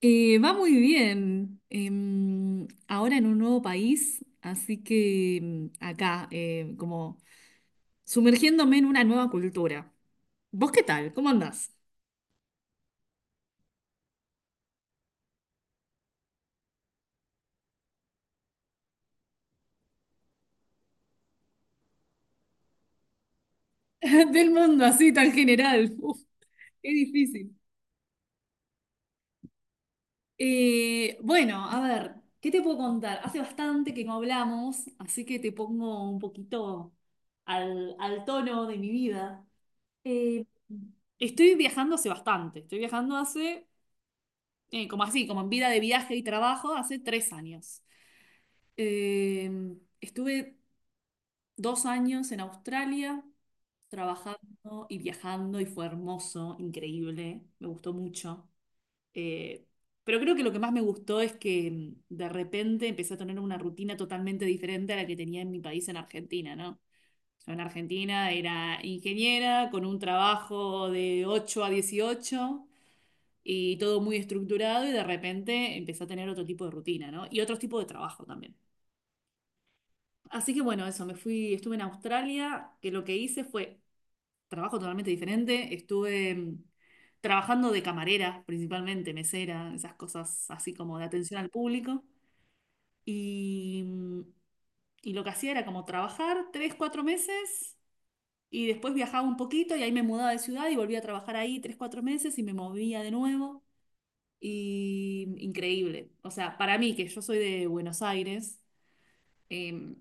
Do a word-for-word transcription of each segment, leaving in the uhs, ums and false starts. Eh, va muy bien. Em, ahora en un nuevo país, así que em, acá, eh, como sumergiéndome en una nueva cultura. ¿Vos qué tal? ¿Cómo andás? Del mundo así tan general. Uf, qué difícil. Eh, bueno, a ver, ¿qué te puedo contar? Hace bastante que no hablamos, así que te pongo un poquito al, al tono de mi vida. Eh, Estoy viajando hace bastante. Estoy viajando hace eh, como así, como en vida de viaje y trabajo, hace tres años. Eh, Estuve dos años en Australia trabajando y viajando y fue hermoso, increíble, me gustó mucho. Eh, pero creo que lo que más me gustó es que mm, de repente empecé a tener una rutina totalmente diferente a la que tenía en mi país, en Argentina, ¿no? Yo en Argentina era ingeniera con un trabajo de ocho a dieciocho y todo muy estructurado y de repente empecé a tener otro tipo de rutina, ¿no? Y otro tipo de trabajo también. Así que bueno, eso, me fui, estuve en Australia, que lo que hice fue trabajo totalmente diferente, estuve mm, trabajando de camarera principalmente, mesera, esas cosas así como de atención al público y, mm, y lo que hacía era como trabajar tres, cuatro meses. Y después viajaba un poquito y ahí me mudaba de ciudad y volvía a trabajar ahí tres, cuatro meses y me movía de nuevo. Y increíble. O sea, para mí, que yo soy de Buenos Aires, eh,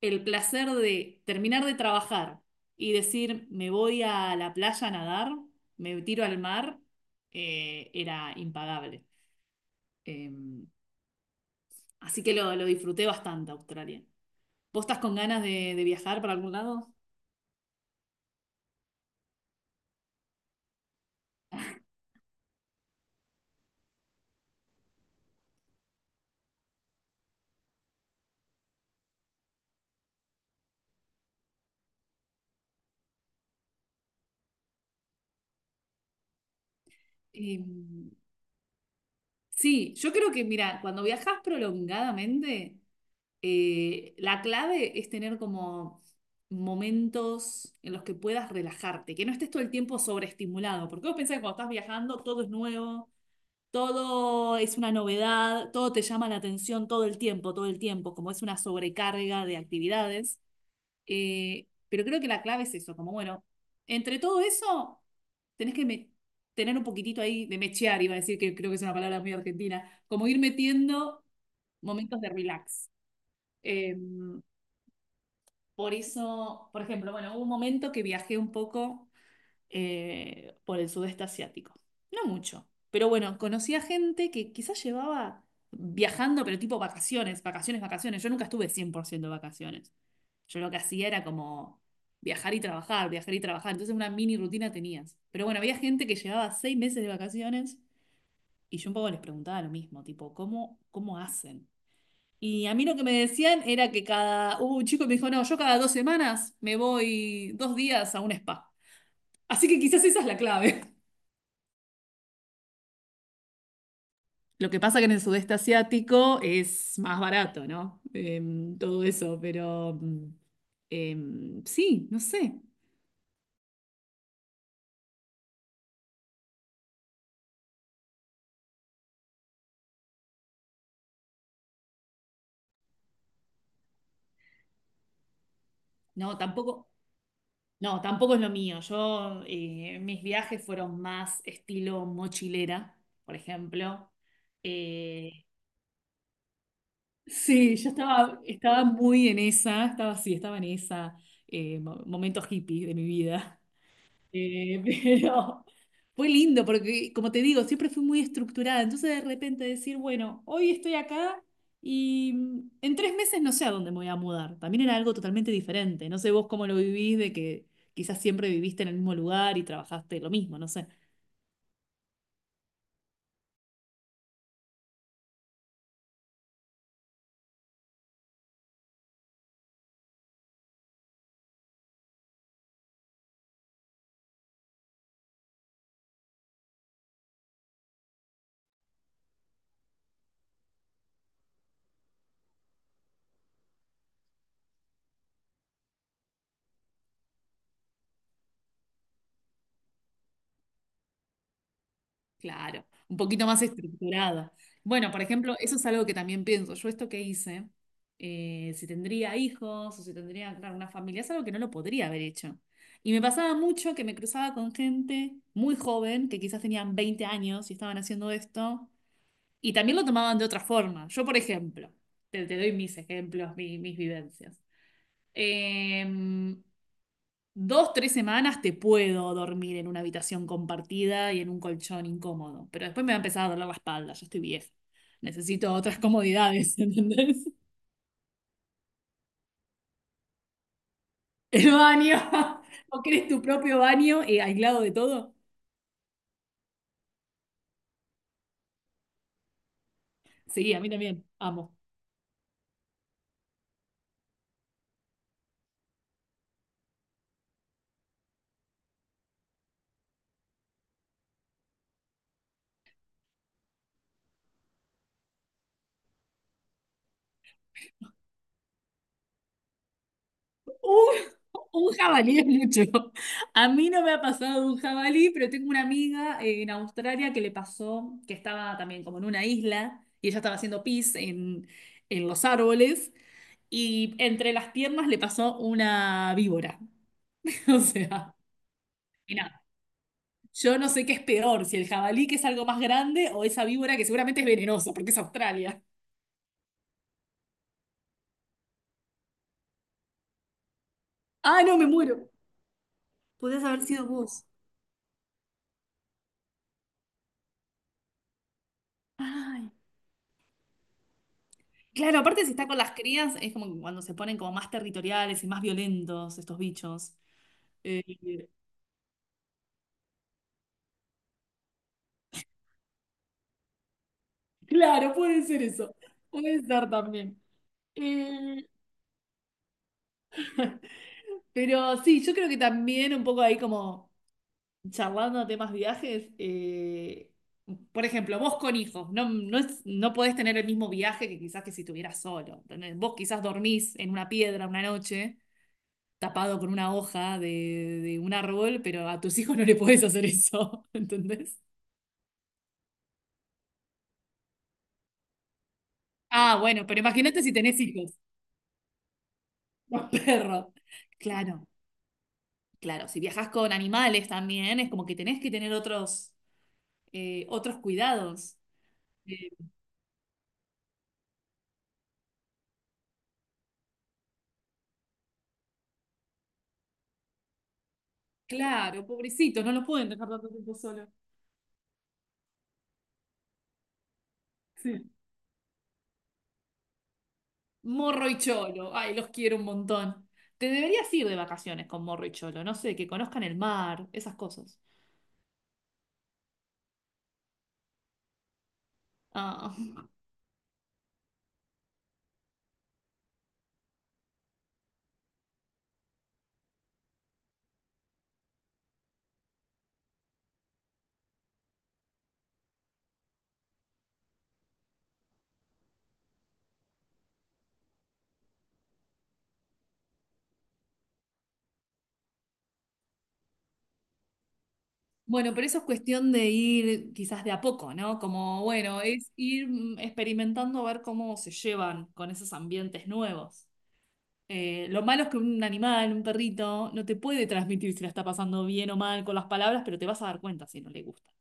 el placer de terminar de trabajar y decir, me voy a la playa a nadar, me tiro al mar, eh, era impagable. Eh, Así que lo, lo disfruté bastante, Australia. ¿Vos estás con ganas de, de viajar para algún lado? Eh, sí, yo creo que, mira, cuando viajas prolongadamente. Eh, la clave es tener como momentos en los que puedas relajarte, que no estés todo el tiempo sobreestimulado, porque vos pensás que cuando estás viajando todo es nuevo, todo es una novedad, todo te llama la atención todo el tiempo, todo el tiempo, como es una sobrecarga de actividades. Eh, pero creo que la clave es eso, como bueno, entre todo eso, tenés que me- tener un poquitito ahí de mechear, iba a decir que creo que es una palabra muy argentina, como ir metiendo momentos de relax. Em, por eso, por ejemplo, bueno, hubo un momento que viajé un poco eh, por el sudeste asiático. No mucho, pero bueno, conocí a gente que quizás llevaba viajando, pero tipo vacaciones, vacaciones, vacaciones. Yo nunca estuve cien por ciento de vacaciones. Yo lo que hacía era como viajar y trabajar, viajar y trabajar. Entonces una mini rutina tenías. Pero bueno, había gente que llevaba seis meses de vacaciones y yo un poco les preguntaba lo mismo, tipo, ¿cómo, cómo hacen? Y a mí lo que me decían era que cada, hubo un chico que me dijo, no, yo cada dos semanas me voy dos días a un spa. Así que quizás esa es la clave. Lo que pasa que en el sudeste asiático es más barato, ¿no? Em, todo eso, pero mm, em, sí, no sé. No, tampoco, no, tampoco es lo mío. Yo, eh, mis viajes fueron más estilo mochilera, por ejemplo. Eh, Sí, yo estaba, estaba muy en esa, estaba, sí, estaba en esa, eh, mo- momento hippie de mi vida. Eh, pero fue lindo porque, como te digo, siempre fui muy estructurada. Entonces, de repente decir, bueno, hoy estoy acá y mm, en tres meses no sé a dónde me voy a mudar. También era algo totalmente diferente. No sé vos cómo lo vivís, de que quizás siempre viviste en el mismo lugar y trabajaste lo mismo, no sé. Claro, un poquito más estructurada. Bueno, por ejemplo, eso es algo que también pienso. Yo esto que hice, eh, si tendría hijos o si tendría claro, una familia, es algo que no lo podría haber hecho. Y me pasaba mucho que me cruzaba con gente muy joven, que quizás tenían veinte años y estaban haciendo esto, y también lo tomaban de otra forma. Yo, por ejemplo, te, te doy mis ejemplos, mi- mis vivencias. Em, Dos, tres semanas te puedo dormir en una habitación compartida y en un colchón incómodo, pero después me va a empezar a doler la espalda, yo estoy vieja. Necesito otras comodidades, ¿entendés? El baño. ¿O querés tu propio baño eh, aislado de todo? Sí, a mí también. Amo. Un, un jabalí es mucho. A mí no me ha pasado un jabalí, pero tengo una amiga eh, en Australia que le pasó, que estaba también como en una isla y ella estaba haciendo pis en, en los árboles y entre las piernas le pasó una víbora. O sea, y nada. Yo no sé qué es peor, si el jabalí que es algo más grande o esa víbora que seguramente es venenosa porque es Australia. Ah, no, me muero. Podrías haber sido vos. Ay. Claro, aparte si está con las crías, es como que cuando se ponen como más territoriales y más violentos estos bichos. Eh, claro, puede ser eso. Puede ser también. Eh, pero sí, yo creo que también un poco ahí como charlando de temas viajes. Eh, por ejemplo, vos con hijos, no, no, es- no podés tener el mismo viaje que quizás que si estuvieras solo. ¿Entendés? Vos quizás dormís en una piedra una noche, tapado con una hoja de, de un árbol, pero a tus hijos no le podés hacer eso, ¿entendés? Ah, bueno, pero imagínate si tenés hijos, los perros. Claro, claro. Si viajas con animales también, es como que tenés que tener otros, eh, otros cuidados. Eh, claro, pobrecito, no los pueden dejar tanto tiempo solos. Sí. Morro y Cholo, ay, los quiero un montón. Te deberías ir de vacaciones con Morro y Cholo, no sé, que conozcan el mar, esas cosas. Ah. Bueno, pero eso es cuestión de ir quizás de a poco, ¿no? Como, bueno, es ir mm, experimentando a ver cómo se llevan con esos ambientes nuevos. Eh, lo malo es que un animal, un perrito, no te puede transmitir si la está pasando bien o mal con las palabras, pero te vas a dar cuenta si no le gusta.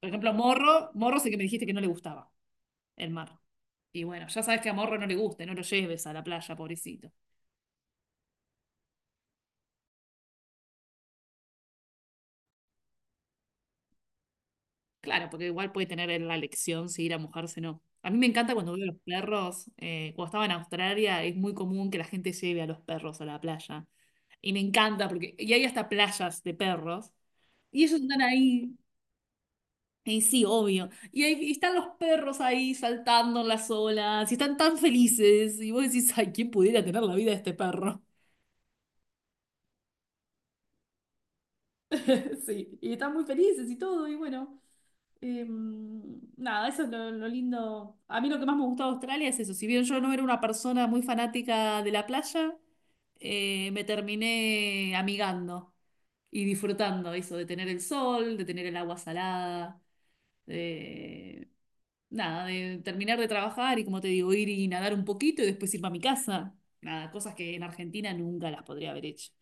Por ejemplo, Morro, Morro sé que me dijiste que no le gustaba el mar. Y bueno, ya sabes que a Morro no le gusta, no lo lleves a la playa, pobrecito. Claro, porque igual puede tener en la elección si ir a mojarse o no. A mí me encanta cuando veo los perros. Eh, cuando estaba en Australia es muy común que la gente lleve a los perros a la playa. Y me encanta porque y hay hasta playas de perros. Y ellos están ahí. Y sí, obvio. Y ahí y están los perros ahí saltando en las olas. Y están tan felices. Y vos decís, ay, ¿quién pudiera tener la vida de este perro? Sí, y están muy felices y todo, y bueno, eh, nada, eso es lo, lo lindo. A mí lo que más me gustaba de Australia es eso, si bien yo no era una persona muy fanática de la playa, eh, me terminé amigando y disfrutando eso, de tener el sol, de tener el agua salada, de nada, de terminar de trabajar y como te digo, ir y nadar un poquito y después irme a mi casa. Nada, cosas que en Argentina nunca las podría haber hecho.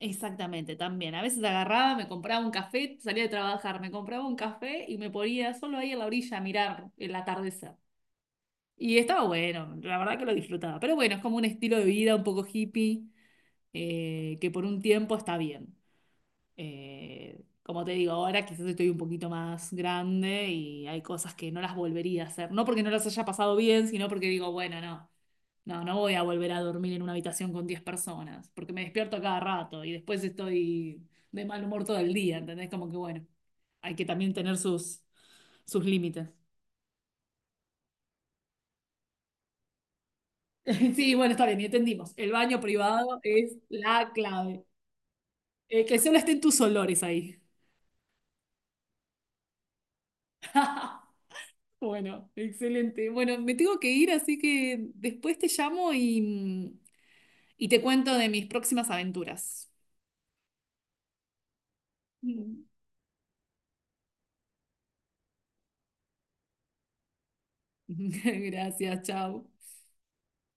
Exactamente, también. A veces agarraba, me compraba un café, salía de trabajar, me compraba un café y me ponía solo ahí en la orilla a mirar el atardecer. Y estaba bueno, la verdad que lo disfrutaba. Pero bueno, es como un estilo de vida un poco hippie eh, que por un tiempo está bien. Eh, como te digo, ahora quizás estoy un poquito más grande y hay cosas que no las volvería a hacer. No porque no las haya pasado bien, sino porque digo, bueno, no. No, no voy a volver a dormir en una habitación con diez personas, porque me despierto a cada rato y después estoy de mal humor todo el día, ¿entendés? Como que bueno, hay que también tener sus, sus límites. Sí, bueno, está bien, y entendimos. El baño privado es la clave. Eh, que solo estén tus olores ahí. Bueno, excelente. Bueno, me tengo que ir, así que después te llamo y, y te cuento de mis próximas aventuras. Gracias, chao.